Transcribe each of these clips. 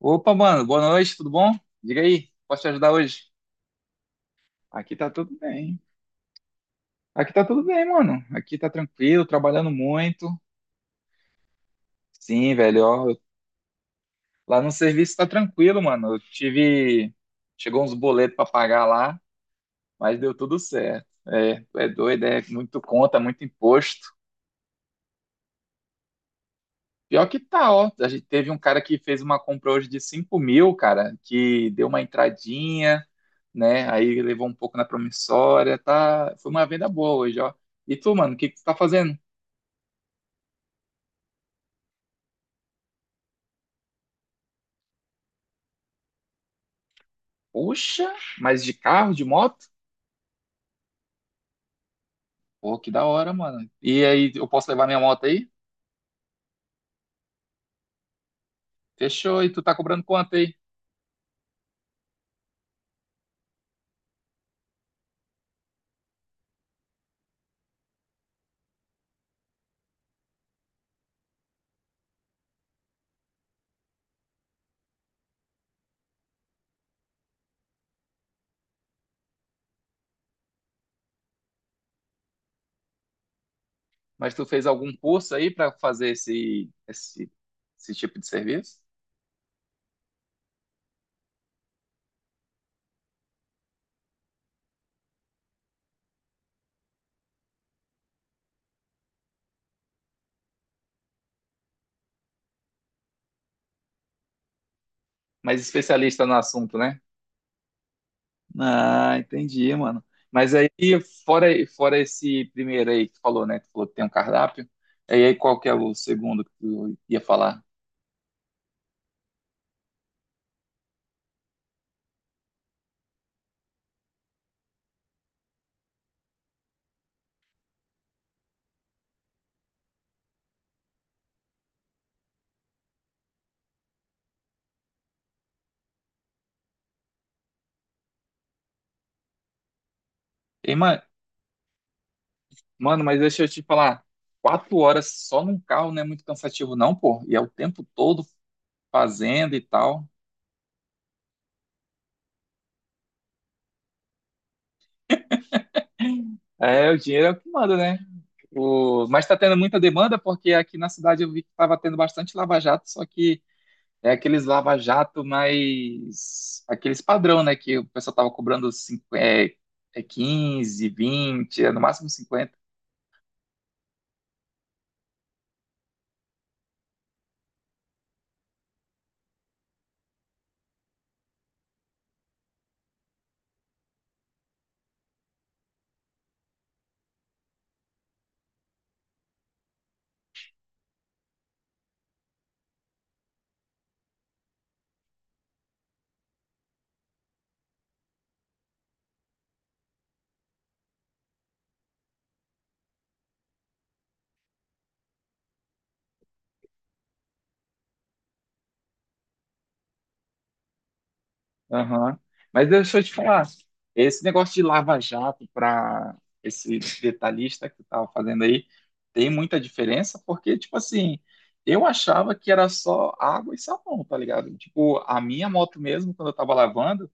Opa, mano, boa noite, tudo bom? Diga aí, posso te ajudar hoje? Aqui tá tudo bem. Aqui tá tudo bem, mano. Aqui tá tranquilo, trabalhando muito. Sim, velho, ó, lá no serviço tá tranquilo, mano. Eu tive. Chegou uns boletos pra pagar lá, mas deu tudo certo. É doido, é muito conta, muito imposto. Pior que tá, ó. A gente teve um cara que fez uma compra hoje de 5.000, cara, que deu uma entradinha, né? Aí levou um pouco na promissória, tá? Foi uma venda boa hoje, ó. E tu, mano, o que que tu tá fazendo? Puxa, mas de carro, de moto? Pô, que da hora, mano. E aí, eu posso levar minha moto aí? Fechou, e tu tá cobrando quanto aí? Mas tu fez algum curso aí pra fazer esse tipo de serviço? Mas especialista no assunto, né? Ah, entendi, mano. Mas aí, fora, fora esse primeiro aí que tu falou, né? Tu falou que tem um cardápio. Aí qual que é o segundo que tu ia falar? Ei, ma- Mano, mas deixa eu te falar. 4 horas só num carro não é muito cansativo, não, pô. E é o tempo todo fazendo e tal. É, o dinheiro é o que manda, né? O... Mas tá tendo muita demanda, porque aqui na cidade eu vi que tava tendo bastante lava-jato, só que é aqueles lava-jato mais. Aqueles padrão, né? Que o pessoal tava cobrando 5, é 15, 20, é no máximo 50. Aham. Mas deixa eu te falar, esse negócio de lava-jato para esse detalhista que tu tava fazendo aí, tem muita diferença, porque, tipo assim, eu achava que era só água e sabão, tá ligado? Tipo, a minha moto mesmo, quando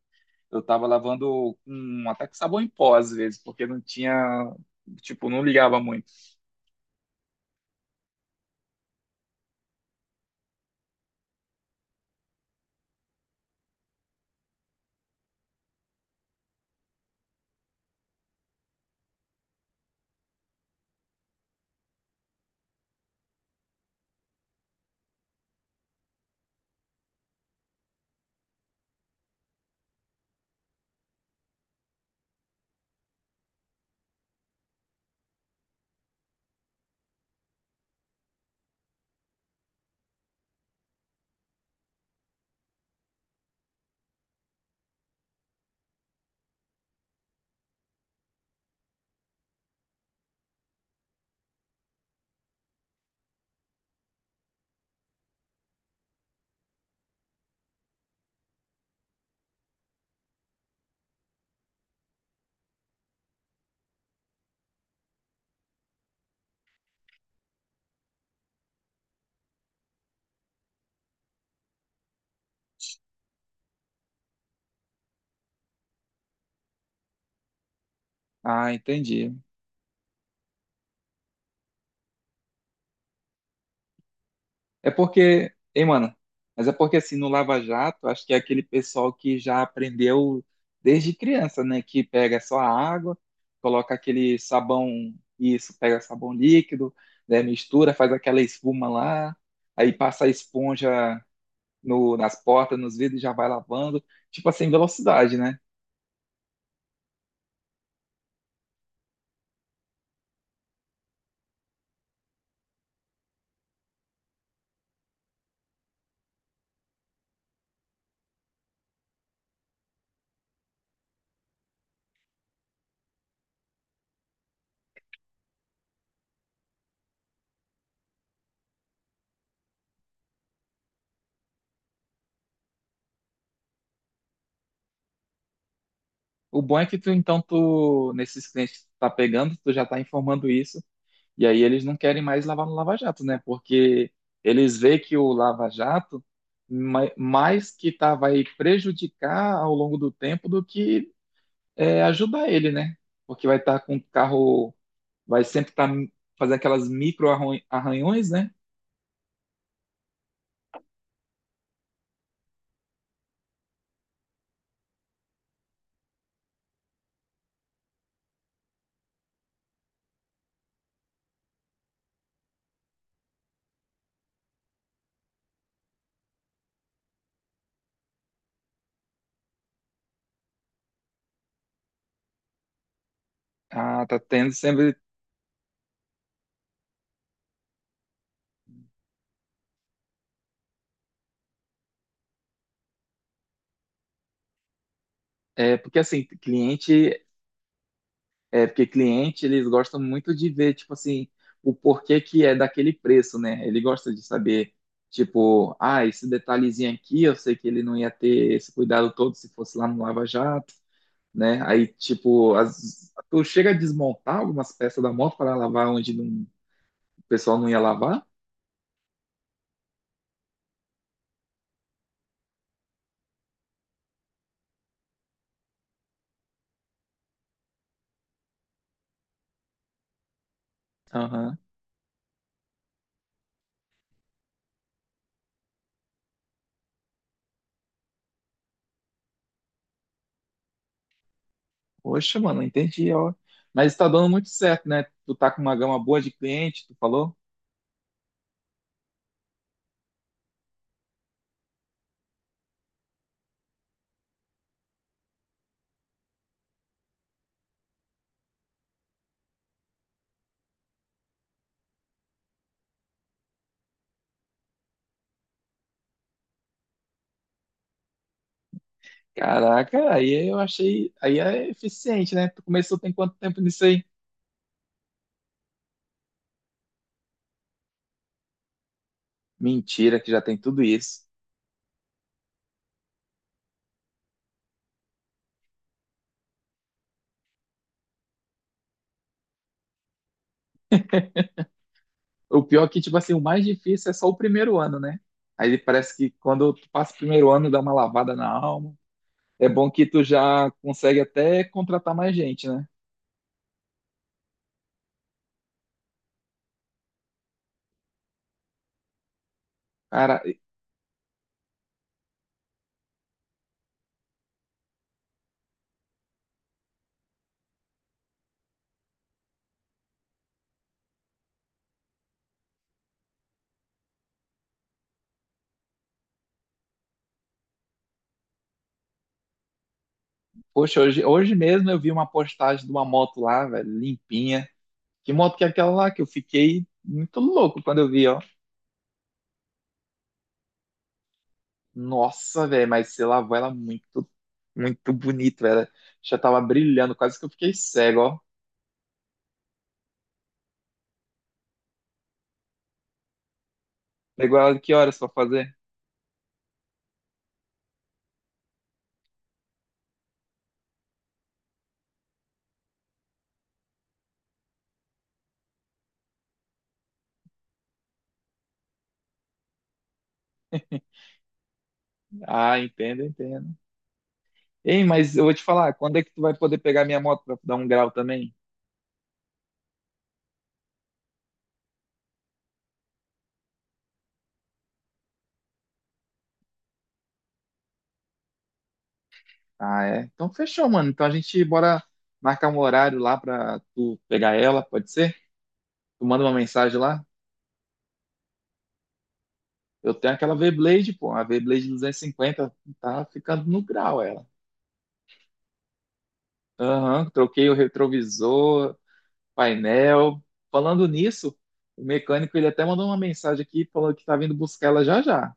eu tava lavando com até com sabão em pó, às vezes, porque não tinha. Tipo, não ligava muito. Ah, entendi. É porque, hein, mano? Mas é porque assim, no Lava Jato, acho que é aquele pessoal que já aprendeu desde criança, né? Que pega só a água, coloca aquele sabão, isso, pega sabão líquido, né? Mistura, faz aquela espuma lá, aí passa a esponja no, nas portas, nos vidros, e já vai lavando, tipo assim, velocidade, né? O bom é que tu, então, tu, nesses clientes que tu tá pegando, tu já tá informando isso. E aí eles não querem mais lavar no Lava Jato, né? Porque eles veem que o Lava Jato mais que tá, vai prejudicar ao longo do tempo do que é, ajudar ele, né? Porque vai estar com o carro, vai sempre estar fazendo aquelas micro arranhões, né? Ah, tá tendo sempre. É, porque assim, cliente É, porque cliente, eles gostam muito de ver, tipo assim, o porquê que é daquele preço, né? Ele gosta de saber, tipo, ah, esse detalhezinho aqui, eu sei que ele não ia ter esse cuidado todo se fosse lá no Lava Jato, né? Aí, tipo, tu chega a desmontar algumas peças da moto para lavar onde o pessoal não ia lavar? Aham. Poxa, mano, entendi, ó. Mas tá dando muito certo, né? Tu tá com uma gama boa de cliente, tu falou? Caraca, aí eu achei. Aí é eficiente, né? Tu começou tem quanto tempo nisso aí? Mentira, que já tem tudo isso. O pior é que, tipo assim, o mais difícil é só o primeiro ano, né? Aí parece que quando tu passa o primeiro ano, dá uma lavada na alma. É bom que tu já consegue até contratar mais gente, né? Cara, poxa, hoje mesmo eu vi uma postagem de uma moto lá, velho, limpinha. Que moto que é aquela lá que eu fiquei muito louco quando eu vi, ó. Nossa, velho, mas você lavou ela muito, muito bonito, velho. Já tava brilhando, quase que eu fiquei cego, ó. Pegou ela que horas pra fazer? Ah, entendo, entendo. Ei, mas eu vou te falar, quando é que tu vai poder pegar minha moto pra dar um grau também? Ah, é? Então fechou, mano. Então a gente bora marcar um horário lá pra tu pegar ela, pode ser? Tu manda uma mensagem lá. Eu tenho aquela V-Blade, pô, a V-Blade 250, tá ficando no grau ela. Aham, troquei o retrovisor, painel. Falando nisso, o mecânico ele até mandou uma mensagem aqui falando que tá vindo buscar ela já já.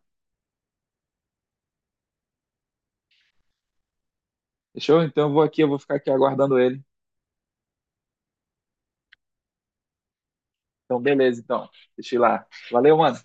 Fechou? Então eu vou aqui, eu vou ficar aqui aguardando ele. Então beleza, então. Deixa eu ir lá. Valeu, mano.